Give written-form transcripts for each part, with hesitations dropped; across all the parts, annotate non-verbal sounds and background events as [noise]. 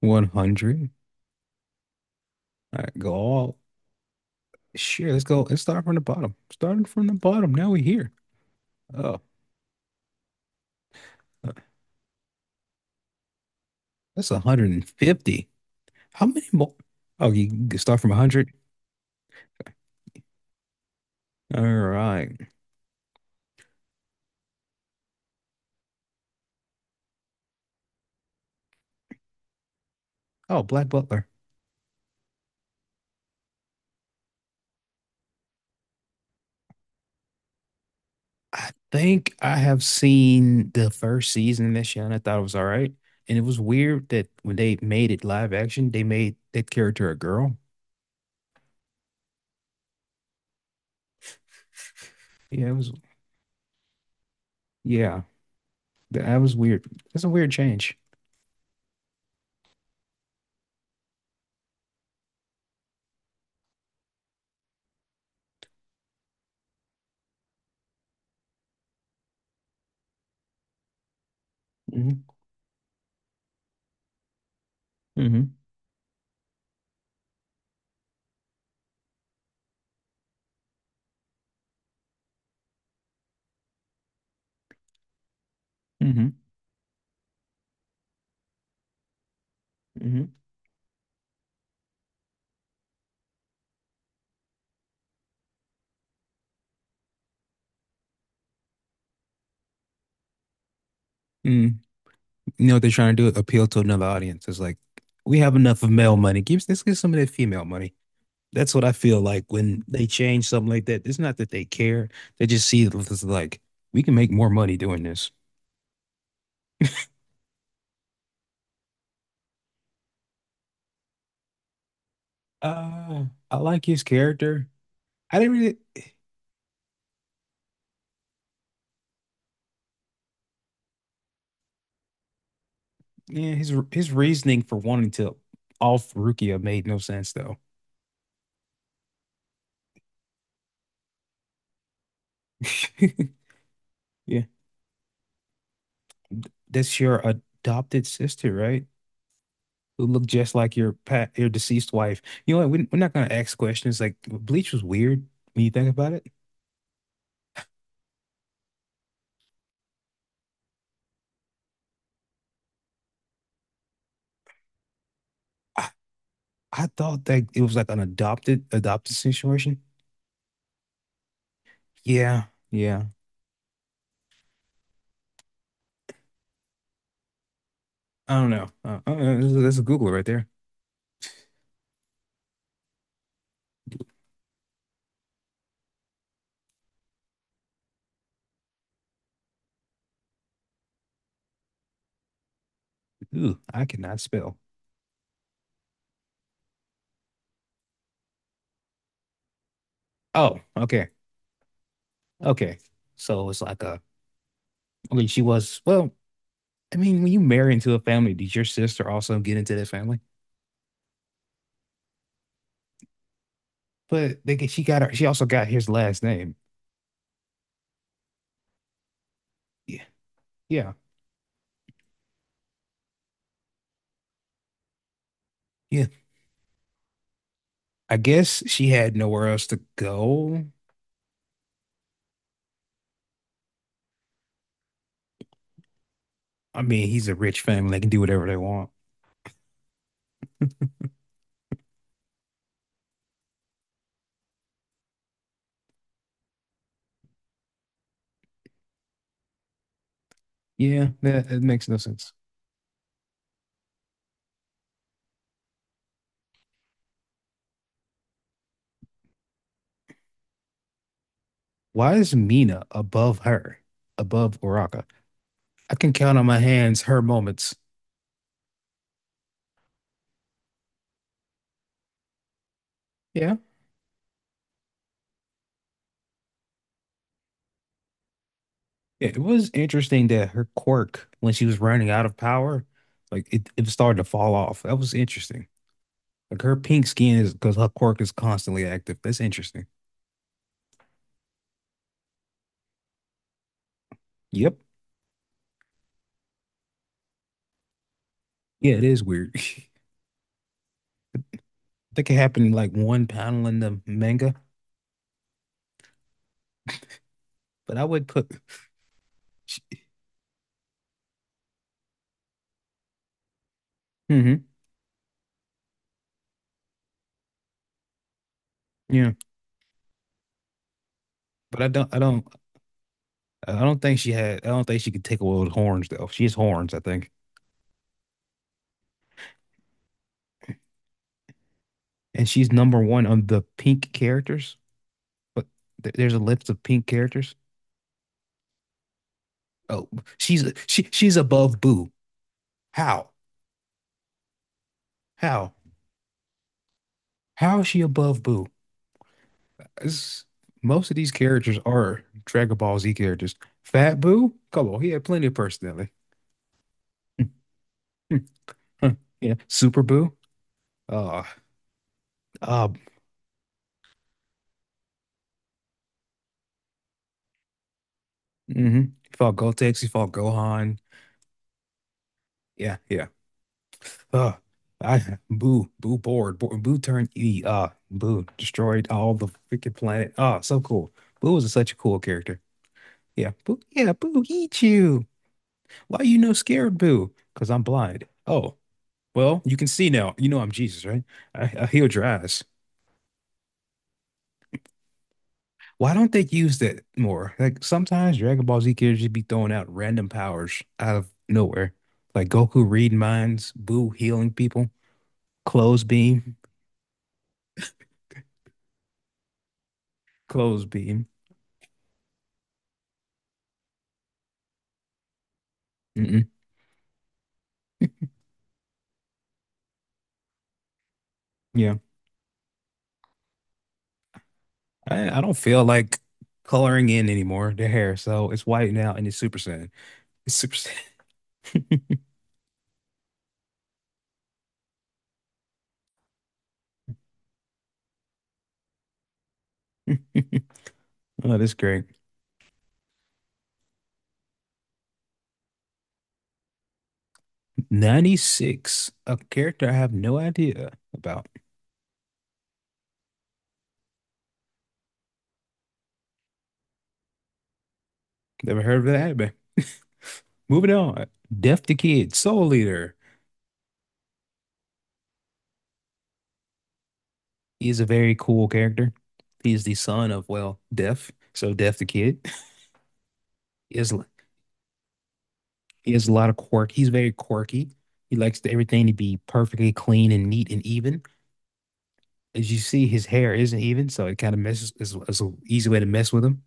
100. All right, go all. Sure, let's go. Let's start from the bottom. Starting from the bottom. Now we're here. Oh, uh, that's 150. How many more? Oh, you can start from 100. All right. Oh, Black Butler. I think I have seen the first season of this show and I thought it was all right. And it was weird that when they made it live action, they made that character a girl. Yeah, it was. Yeah, that was weird. That's a weird change. Hmm. Hmm. Hmm. Hmm. You know what they're trying to do? Appeal to another audience. It's like we have enough of male money. Give let's get some of that female money. That's what I feel like when they change something like that. It's not that they care. They just see it as like we can make more money doing this. I like his character. I didn't really. Yeah, his reasoning for wanting to off Rukia made no sense though. [laughs] Yeah, that's your adopted sister, right? Who look just like your deceased wife. You know what? We're not gonna ask questions. Like Bleach was weird when you think about it. I, I thought that it was like an adopted situation. Yeah, yeah. I don't know. That's a Google right there. Ooh, I cannot spell. Oh, okay, okay. So it's like a. I mean, she was. Well, I mean, when you marry into a family, did your sister also get into that family? But she got her. She also got his last name. Yeah, yeah, yeah. I guess she had nowhere else to go. I mean, he's a rich family. They can do whatever they want. Yeah, that makes no sense. Why is Mina above her, above Uraka? I can count on my hands her moments. Yeah. It was interesting that her quirk, when she was running out of power, like it started to fall off. That was interesting. Like her pink skin is because her quirk is constantly active. That's interesting. Yep. Yeah, it is weird. [laughs] I think it happened in like one panel in the manga, but I would put. Hmm. Yeah. But I don't I don't I don't think she had I don't think she could take away those horns though. She has horns, I think. And she's number one on the pink characters. But th there's a list of pink characters. Oh, she's above Boo. How? How? How is she above Boo? It's- Most of these characters are Dragon Ball Z characters. Fat Boo? Come on, he had plenty of personality. [laughs] Yeah. Super Boo? Uh uh mm-hmm. He fought Gotex. He fought Gohan. Yeah, yeah. Uh, I boo boo bored boo, boo turned E boo destroyed all the freaking planet. Oh, so cool. Boo was such a cool character. Yeah, boo. Yeah, boo eat you. Why you no scared, boo? Because I'm blind. Oh, well, you can see now. You know I'm Jesus, right? I healed your eyes. Why don't they use that more? Like sometimes Dragon Ball Z characters just be throwing out random powers out of nowhere, like Goku reading minds, Boo healing people, clothes beam, clothes beam. Mm-mm. Yeah. I don't feel like coloring in anymore the hair, so it's white now and it's super saiyan. It's super saiyan. [laughs] Oh, that's great. 96, a character I have no idea about. Never heard of that anime. Moving on. Deaf the Kid, Soul Leader. He's a very cool character. He's the son of, well, Deaf. So Deaf the Kid. [laughs] He has, he has a lot of quirk. He's very quirky. He likes everything to be perfectly clean and neat and even. As you see, his hair isn't even, so it kind of messes. It's an easy way to mess with him.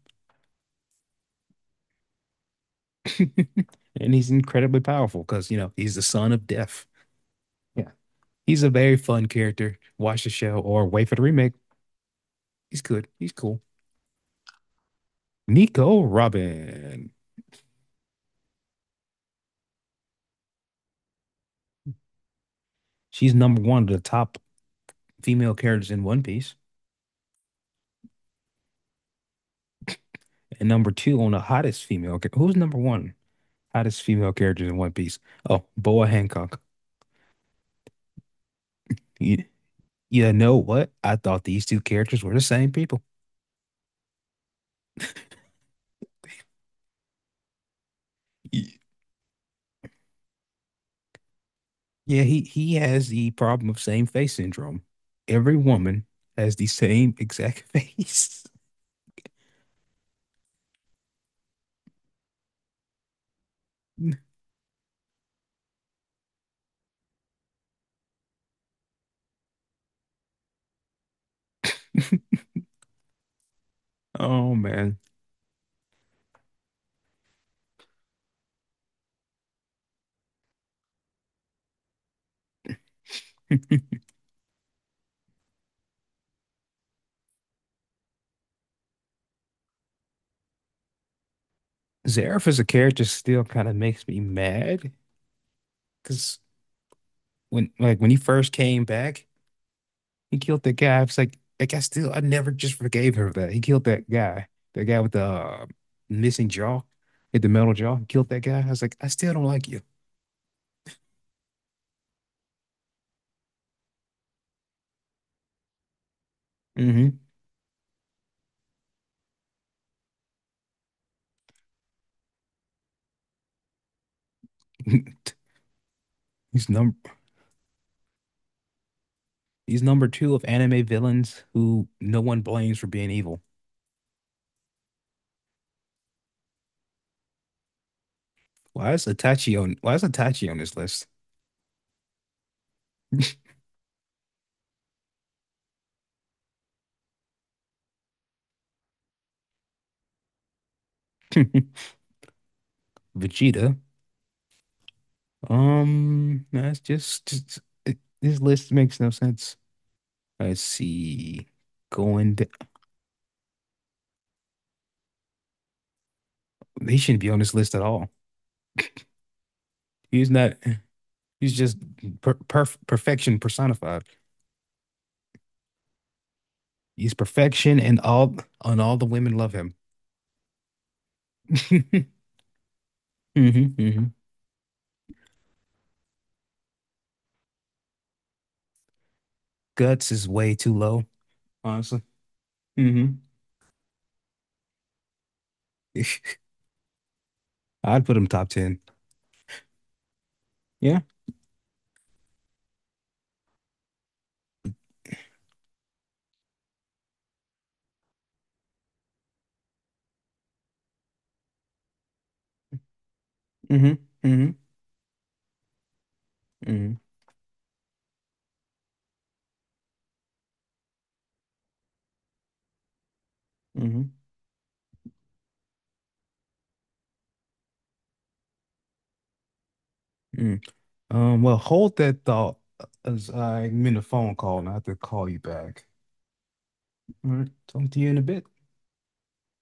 [laughs] And he's incredibly powerful because you know he's the son of death. Yeah, he's a very fun character. Watch the show or wait for the remake. He's good. He's cool. Nico Robin. She's number one of the top female characters in One Piece, and number two on the hottest female. Who's number one hottest female characters in One Piece? Oh, Boa Hancock. You, you know what? I thought these two characters were the same people. You, Yeah, he has the problem of same face syndrome. Every woman has the same exact [laughs] face. Oh man. [laughs] Zareth as a character still kind of makes me mad because when he first came back, he killed that guy. It's like I never just forgave him for that. He killed that guy with the missing jaw, with the metal jaw. He killed that guy. I was like, I still don't like you. Hmm. [laughs] He's number he's number two of anime villains who no one blames for being evil. Why is Itachi on this list? [laughs] Vegeta. That's just it, this list makes no sense. Let's see. Going to, he shouldn't be on this list at all. He's not he's just perfection personified. He's perfection and all the women love him. [laughs] Hmm. Hmm. Guts is way too low, honestly. Hmm. [laughs] I'd put him top 10. Yeah. Hmm. Hmm. Hmm. Hmm. Hmm. Well, hold that thought as I'm in a phone call and I have to call you back. All right, talk to you in a bit.